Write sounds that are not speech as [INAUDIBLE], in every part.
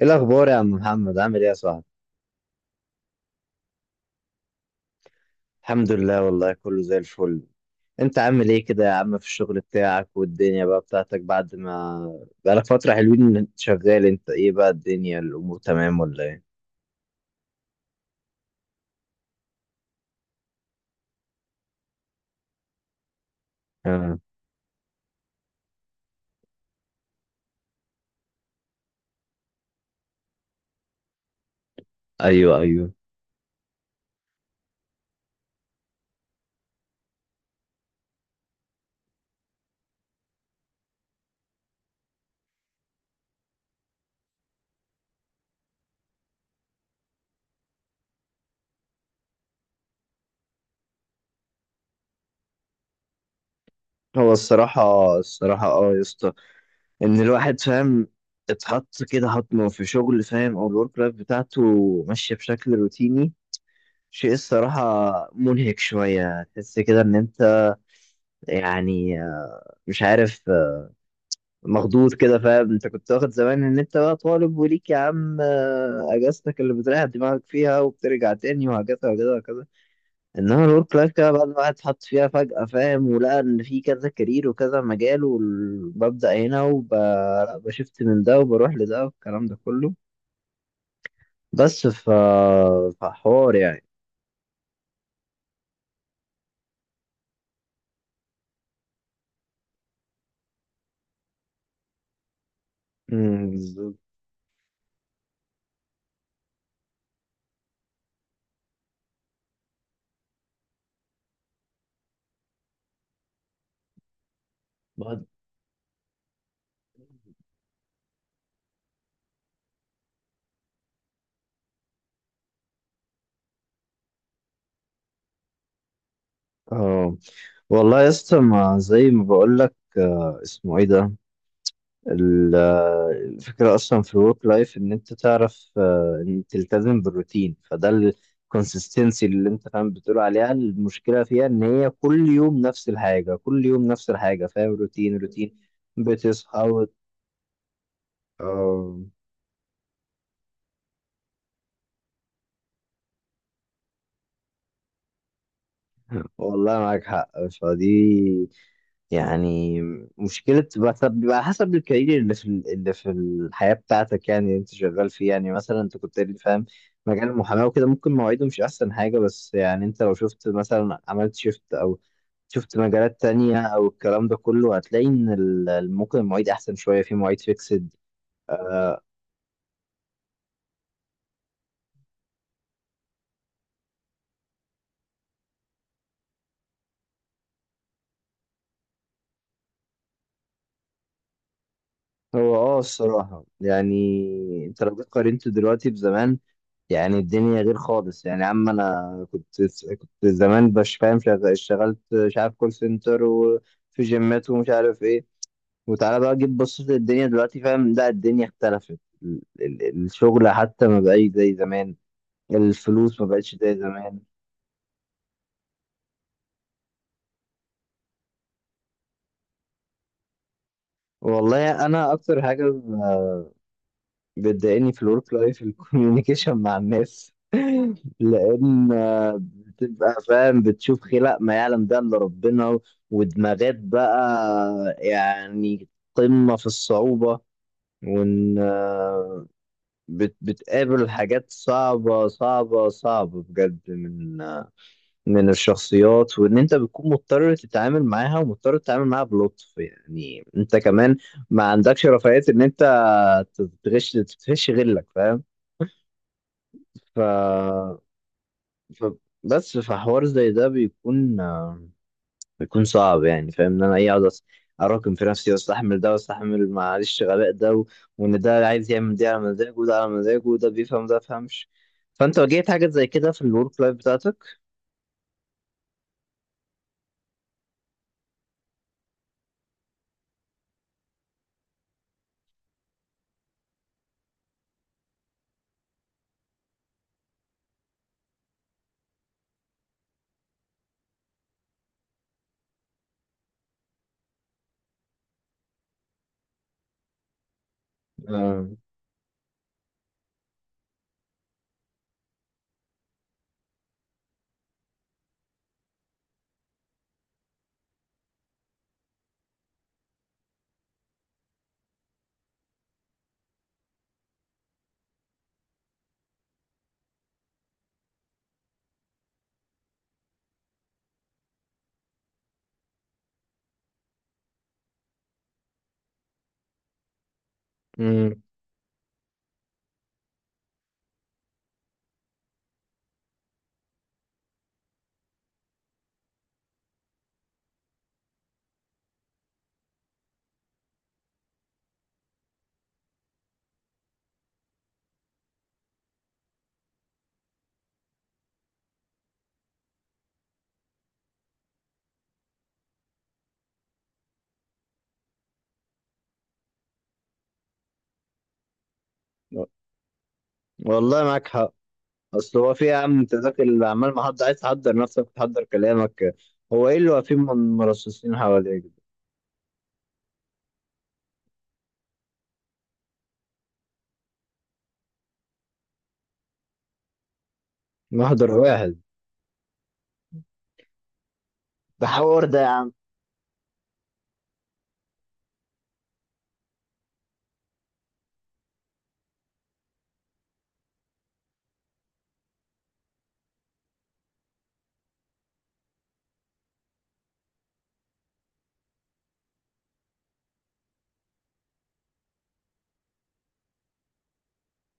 ايه الاخبار يا عم محمد، عامل ايه يا صاحبي؟ الحمد لله، والله كله زي الفل. انت عامل ايه كده يا عم في الشغل بتاعك والدنيا بقى بتاعتك بعد ما بقالك فترة حلوين إن انت شغال، انت ايه بقى الدنيا، الامور تمام ولا ايه؟ آه. ايوه، ايوه. هو الصراحة يا اسطى، ان الواحد فاهم اتحط كده حطمه في شغل، فاهم، او الورك لايف بتاعته ماشية بشكل روتيني، شيء الصراحة منهك شوية، تحس كده ان انت يعني مش عارف، مخضوض كده، فاهم؟ انت كنت واخد زمان ان انت بقى طالب وليك يا عم اجازتك اللي بتريح دماغك فيها وبترجع تاني وهكذا وكذا وكذا. انما الورك لايف كده بعد ما الواحد اتحط فيها فجأة، فاهم، ولقى ان في كذا كارير وكذا مجال، وببدأ هنا وبشفت من ده وبروح لده والكلام ده كله. بس ف فحوار يعني. بالظبط. بعد- اه والله يا اسطى، ما زي ما بقول لك، اسمه ايه ده؟ ال- الفكرة أصلا في الورك لايف إن أنت تعرف إن تلتزم بالروتين، فده الكونسستنسي اللي أنت فاهم بتقول عليها. المشكلة فيها إن هي كل يوم نفس الحاجة، كل يوم نفس الحاجة، فاهم؟ روتين روتين. بتصحى آه. والله معاك حق. فدي يعني مشكلة، بس بيبقى حسب الكارير اللي في الحياة بتاعتك، يعني اللي انت شغال فيه. يعني مثلا انت كنت قايل لي، فاهم، مجال المحاماة وكده، ممكن مواعيده مش أحسن حاجة، بس يعني انت لو شفت مثلا، عملت شيفت أو شفت مجالات تانية أو الكلام ده كله، هتلاقي إن ممكن المواعيد أحسن شوية، في مواعيد فيكسد. هو الصراحة يعني، انت لو جيت قارنت دلوقتي بزمان، يعني الدنيا غير خالص يعني، يا عم انا كنت زمان، مش فاهم، اشتغلت، مش عارف، كول سنتر وفي جيمات ومش عارف ايه، وتعالى بقى جيب بصيت الدنيا دلوقتي، فاهم، لا الدنيا اختلفت، الشغل حتى ما بقاش زي زمان، الفلوس ما بقتش زي زمان. والله انا اكتر حاجه بتضايقني في الورك لايف الكوميونيكيشن [LAUGHS] مع الناس. لان بتبقى فاهم بتشوف خلق ما يعلم ده الا ربنا، ودماغات بقى يعني قمة في الصعوبة، وان بتقابل حاجات صعبة صعبة صعبة بجد، من الشخصيات، وان انت بتكون مضطر تتعامل معاها، ومضطر تتعامل معاها بلطف، يعني انت كمان ما عندكش رفاهية ان انت تتغش غيرك، فاهم؟ ف ف- بس في حوار زي ده بيكون بيكون صعب يعني، فاهم، ان انا ايه اقعد اراكم في نفسي، واستحمل ده، واستحمل معلش غباء ده وان ده عايز يعمل دي على مزاجه، وده على مزاجه، وده بيفهم ده بيفهمش. فانت واجهت حاجات زي كده في الورك لايف بتاعتك؟ آه. مم. والله معاك حق. اصل هو في يا عم، انت ذاك اللي عمال محضر عايز تحضر نفسك وتحضر كلامك، هو ايه اللي واقفين من مرصصين حواليك؟ محضر واحد؟ ده حوار ده.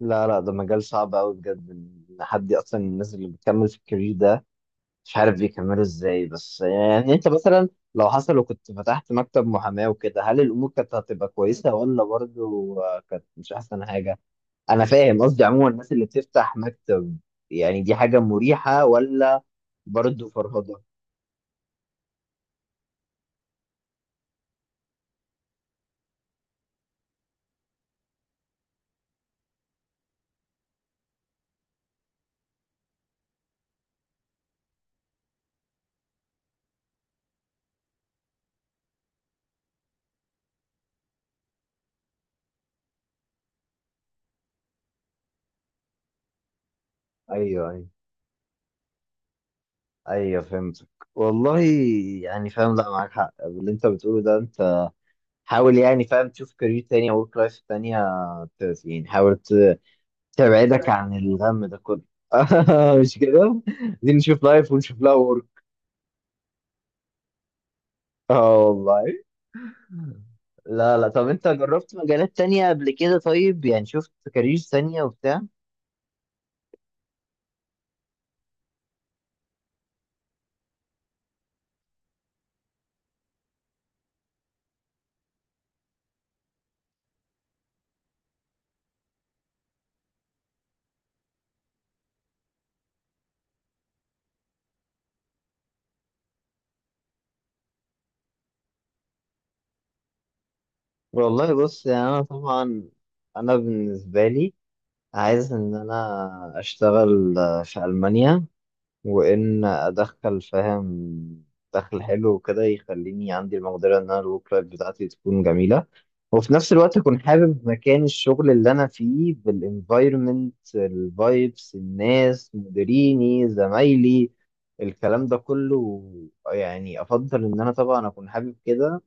لا، لا، ده مجال صعب قوي بجد، ان حد اصلا الناس اللي بتكمل في الكارير ده مش عارف بيكملوا ازاي. بس يعني انت مثلا لو حصل وكنت فتحت مكتب محاماة وكده، هل الامور كانت هتبقى كويسة ولا برضه كانت مش احسن حاجة؟ انا فاهم قصدي، عموما الناس اللي بتفتح مكتب يعني، دي حاجة مريحة ولا برضه فرهضة؟ ايوه، ايوه. ايوه فهمتك. والله يعني فاهم، لا معاك حق اللي انت بتقوله ده. انت حاول يعني، فاهم، تشوف كارير تاني او ورك لايف تانية، يعني حاول تبعدك عن الغم ده كله. [LAUGHS] مش كده، دي نشوف لايف ونشوف لها ورك. [LAUGHS] اه والله. لا، لا، طب انت جربت مجالات تانية قبل كده طيب؟ يعني شفت كارير تانية وبتاع؟ والله بص يعني، انا طبعا، انا بالنسبة لي عايز ان انا اشتغل في المانيا، وان ادخل، فاهم، دخل حلو وكده يخليني عندي المقدره ان انا الورك لايف بتاعتي تكون جميله، وفي نفس الوقت اكون حابب مكان الشغل اللي انا فيه، بالانفايرمنت، الفايبس، الناس، مديريني، زمايلي، الكلام ده كله. يعني افضل ان انا طبعا اكون حابب كده.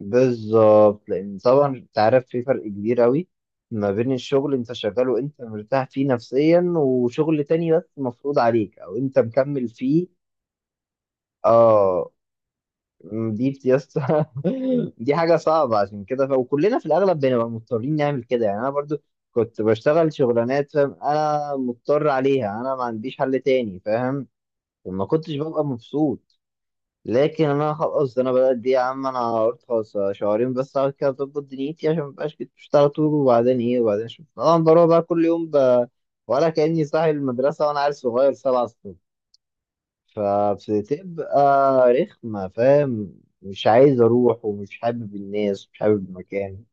بالظبط، لان طبعا انت عارف في فرق كبير قوي ما بين الشغل انت شغاله انت مرتاح فيه نفسيا، وشغل تاني بس مفروض عليك او انت مكمل فيه. اه. دي بتيس. [LAUGHS] دي حاجه صعبه، عشان كده وكلنا في الاغلب بنبقى مضطرين نعمل كده، يعني انا برضو كنت بشتغل شغلانات، فاهم، انا مضطر عليها، انا ما عنديش حل تاني، فاهم، وما كنتش ببقى مبسوط. لكن انا خلاص، انا بدات دي يا عم، انا قلت خلاص شهرين بس اقعد كده اظبط دنيتي، عشان مبقاش كنت بشتغل طول. وبعدين ايه؟ وبعدين اشوف طبعا، بروح بقى كل يوم ولا كاني صاحي المدرسه وانا عيل صغير 7 الصبح. فبتبقى رخمه، فاهم، مش عايز اروح، ومش حابب الناس، مش حابب المكان.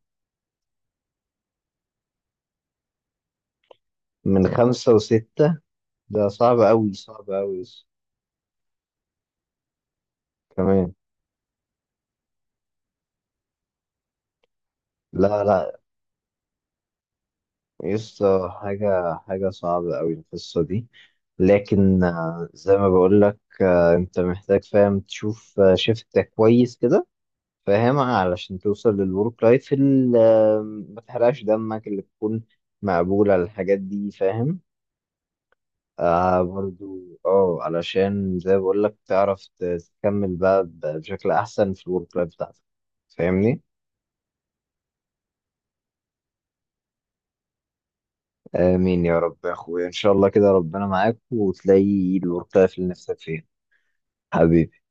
من 5 و6. ده صعب أوي، صعب أوي. كمان. لا، لا. يس. حاجة حاجة صعبة أوي القصة دي. لكن زي ما بقولك أنت محتاج، فاهم، تشوف شيفت كويس كده، فاهم، علشان توصل للورك لايف اللي ما تحرقش دمك، اللي تكون مقبولة الحاجات دي، فاهم. آه برضو اه، علشان زي ما بقولك تعرف تكمل بقى بشكل أحسن في الورك لايف بتاعتك، فاهمني؟ آمين يا رب يا أخويا، إن شاء الله كده ربنا معاك وتلاقي الورك لايف اللي نفسك فيه. حبيبي.